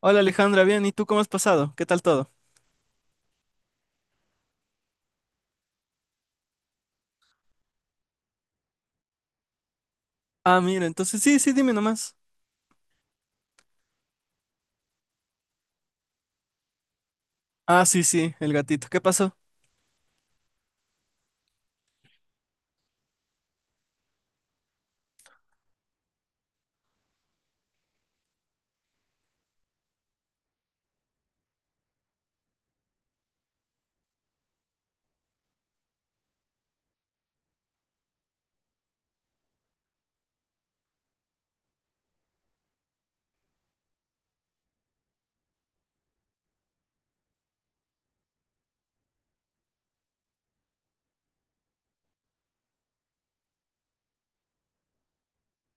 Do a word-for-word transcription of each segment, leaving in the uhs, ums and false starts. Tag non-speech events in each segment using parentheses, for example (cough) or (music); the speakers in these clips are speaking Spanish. Hola Alejandra, bien, ¿y tú cómo has pasado? ¿Qué tal todo? Ah, mira, entonces sí, sí, dime nomás. Ah, sí, sí, el gatito, ¿qué pasó?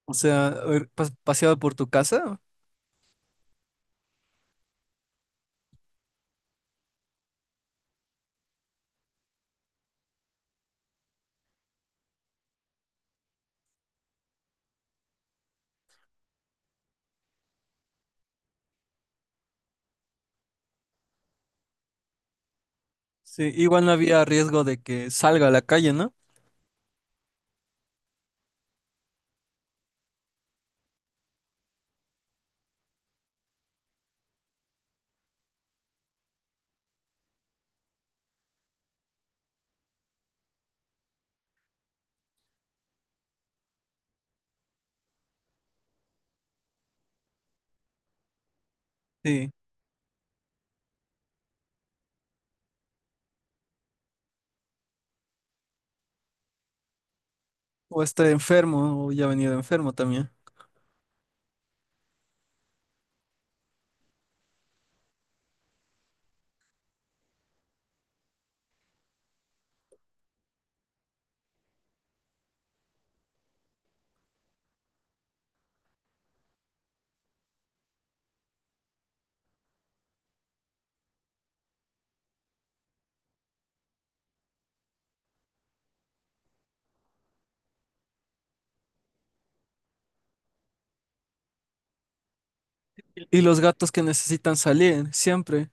O sea, a ver, pas- paseado por tu casa. Sí, igual no había riesgo de que salga a la calle, ¿no? Sí. O esté enfermo, o ya ha venido enfermo también. Y los gatos que necesitan salir, siempre.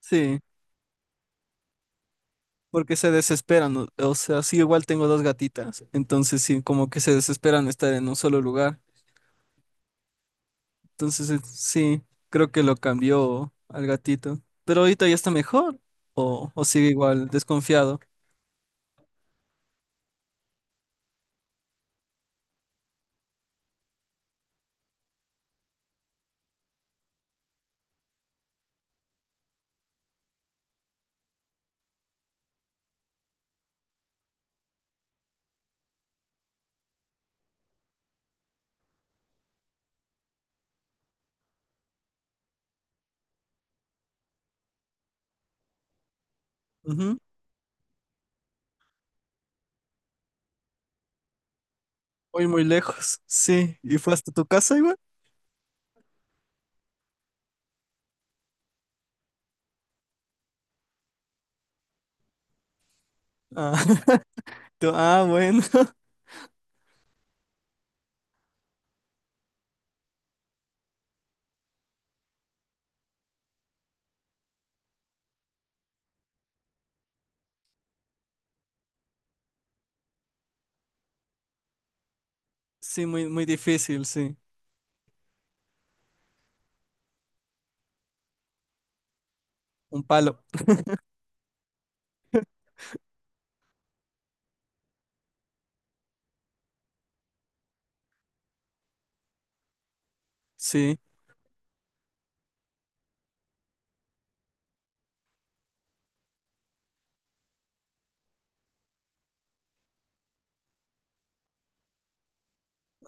Sí, porque se desesperan. O o sea, sí, igual tengo dos gatitas, entonces sí, como que se desesperan de estar en un solo lugar. Entonces, eh, sí, creo que lo cambió al gatito. Pero ahorita ya está mejor. O, o sigue igual, desconfiado. Ujú. Muy, muy lejos. Sí. ¿Y fue hasta tu casa igual? Ah, (laughs) tú- ah, bueno. (laughs) Sí, muy, muy difícil, sí. Un palo. Sí.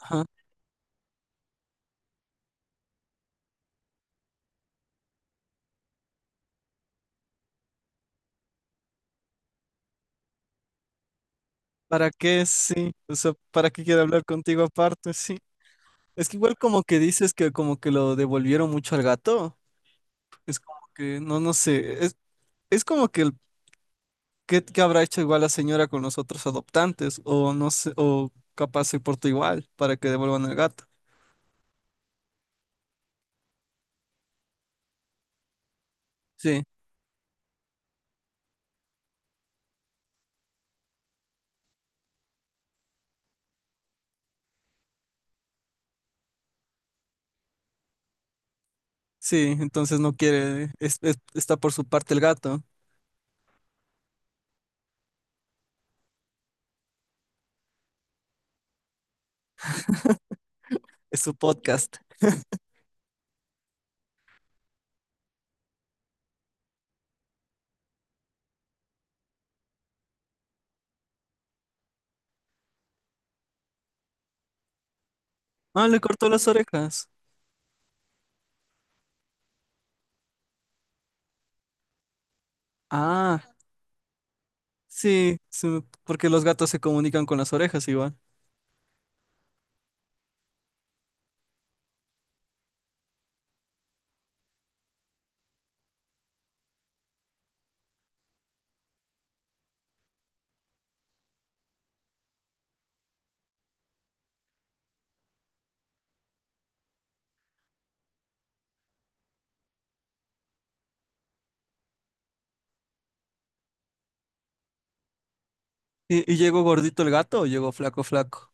Ajá. ¿Para qué? Sí. O sea, ¿para qué quiero hablar contigo aparte? Sí. Es que igual como que dices que como que lo devolvieron mucho al gato. Es como que, no, no sé. Es, es como que ¿qué, qué habrá hecho igual la señora con los otros adoptantes? O no sé, o capaz se portó igual para que devuelvan al gato. Sí, sí, entonces no quiere, es- es- está por su parte el gato, es su podcast. Ah, le cortó las orejas. Ah, sí, sí, porque los gatos se comunican con las orejas igual. ¿Y, y llegó gordito el gato o llegó flaco, flaco?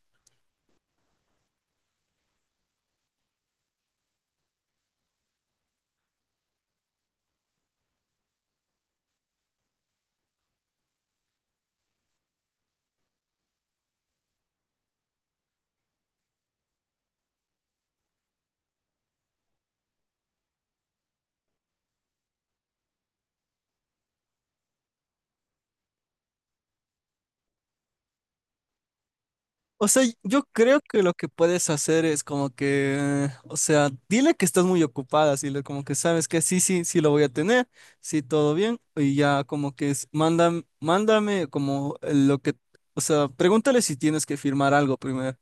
O sea, yo creo que lo que puedes hacer es como que, o sea, dile que estás muy ocupada, así le- como que sabes que sí, sí, sí lo voy a tener, sí, todo bien, y ya como que es, mándame, mándame como lo que, o sea, pregúntale si tienes que firmar algo primero.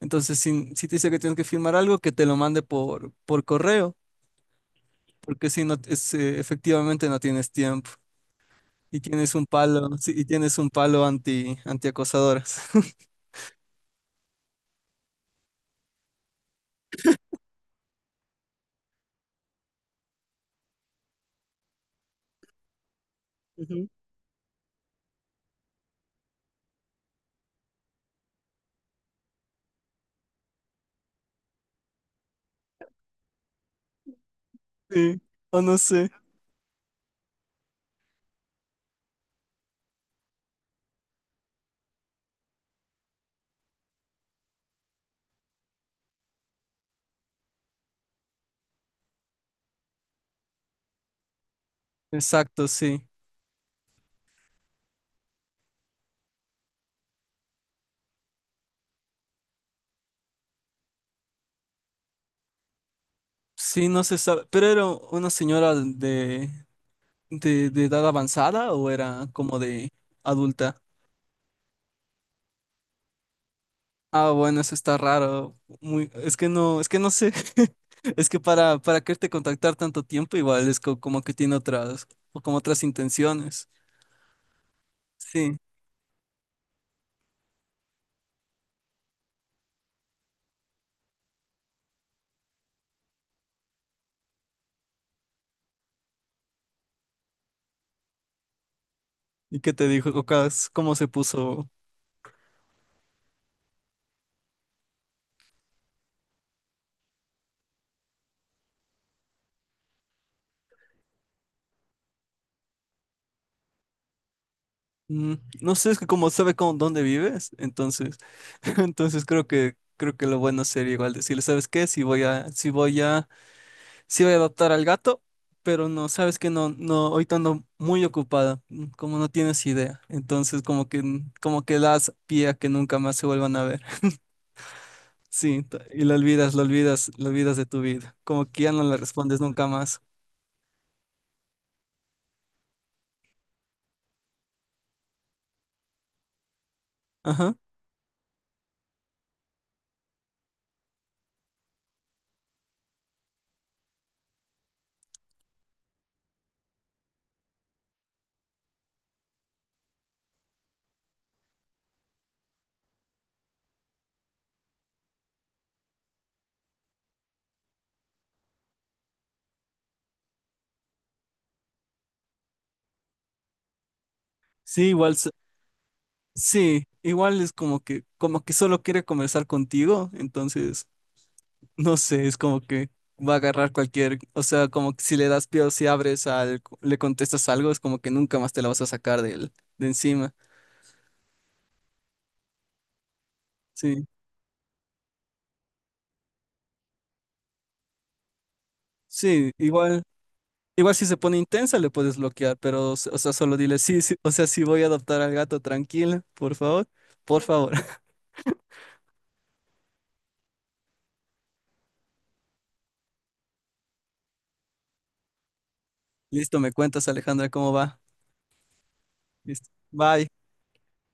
Entonces, si, si te dice que tienes que firmar algo, que te lo mande por, por correo, porque si no, es, eh, efectivamente no tienes tiempo y tienes un palo, sí, y tienes un palo anti, antiacosadoras. (laughs) Ujú. Sí, o no sé. Exacto, sí. Sí, no se sabe. ¿Pero era una señora de, de, de edad avanzada o era como de adulta? Ah, bueno, eso está raro. Muy, es que no, es que no sé. (laughs) Es que para, para quererte contactar tanto tiempo, igual es co- como que tiene otras, o como otras intenciones. Sí. ¿Y qué te dijo? ¿O ca- ¿Cómo se puso? Mm, no sé, es que como sabe con dónde vives, entonces, (laughs) entonces creo que, creo que lo bueno sería igual decirle, ¿sabes qué? Si voy a, si voy a sí voy a adoptar al gato, pero no, sabes que no, no, ahorita ando muy ocupada, mm, como no tienes idea. Entonces, como que, como que das pie a que nunca más se vuelvan a ver. (laughs) Sí, t- y lo olvidas, lo olvidas, lo olvidas de tu vida. Como que ya no le respondes nunca más. Ajá. Sí, igual, s- sí, igual es como que, como que solo quiere conversar contigo, entonces, no sé, es como que va a agarrar cualquier, o sea, como que si le das pie o si abres al, le contestas algo, es como que nunca más te la vas a sacar de él, de encima. Sí, sí, igual, igual si se pone intensa le puedes bloquear, pero, o sea, solo dile, sí, sí, o sea, sí voy a adoptar al gato, tranquila, por favor, por favor. (laughs) Listo, me cuentas, Alejandra, cómo va. Listo, bye.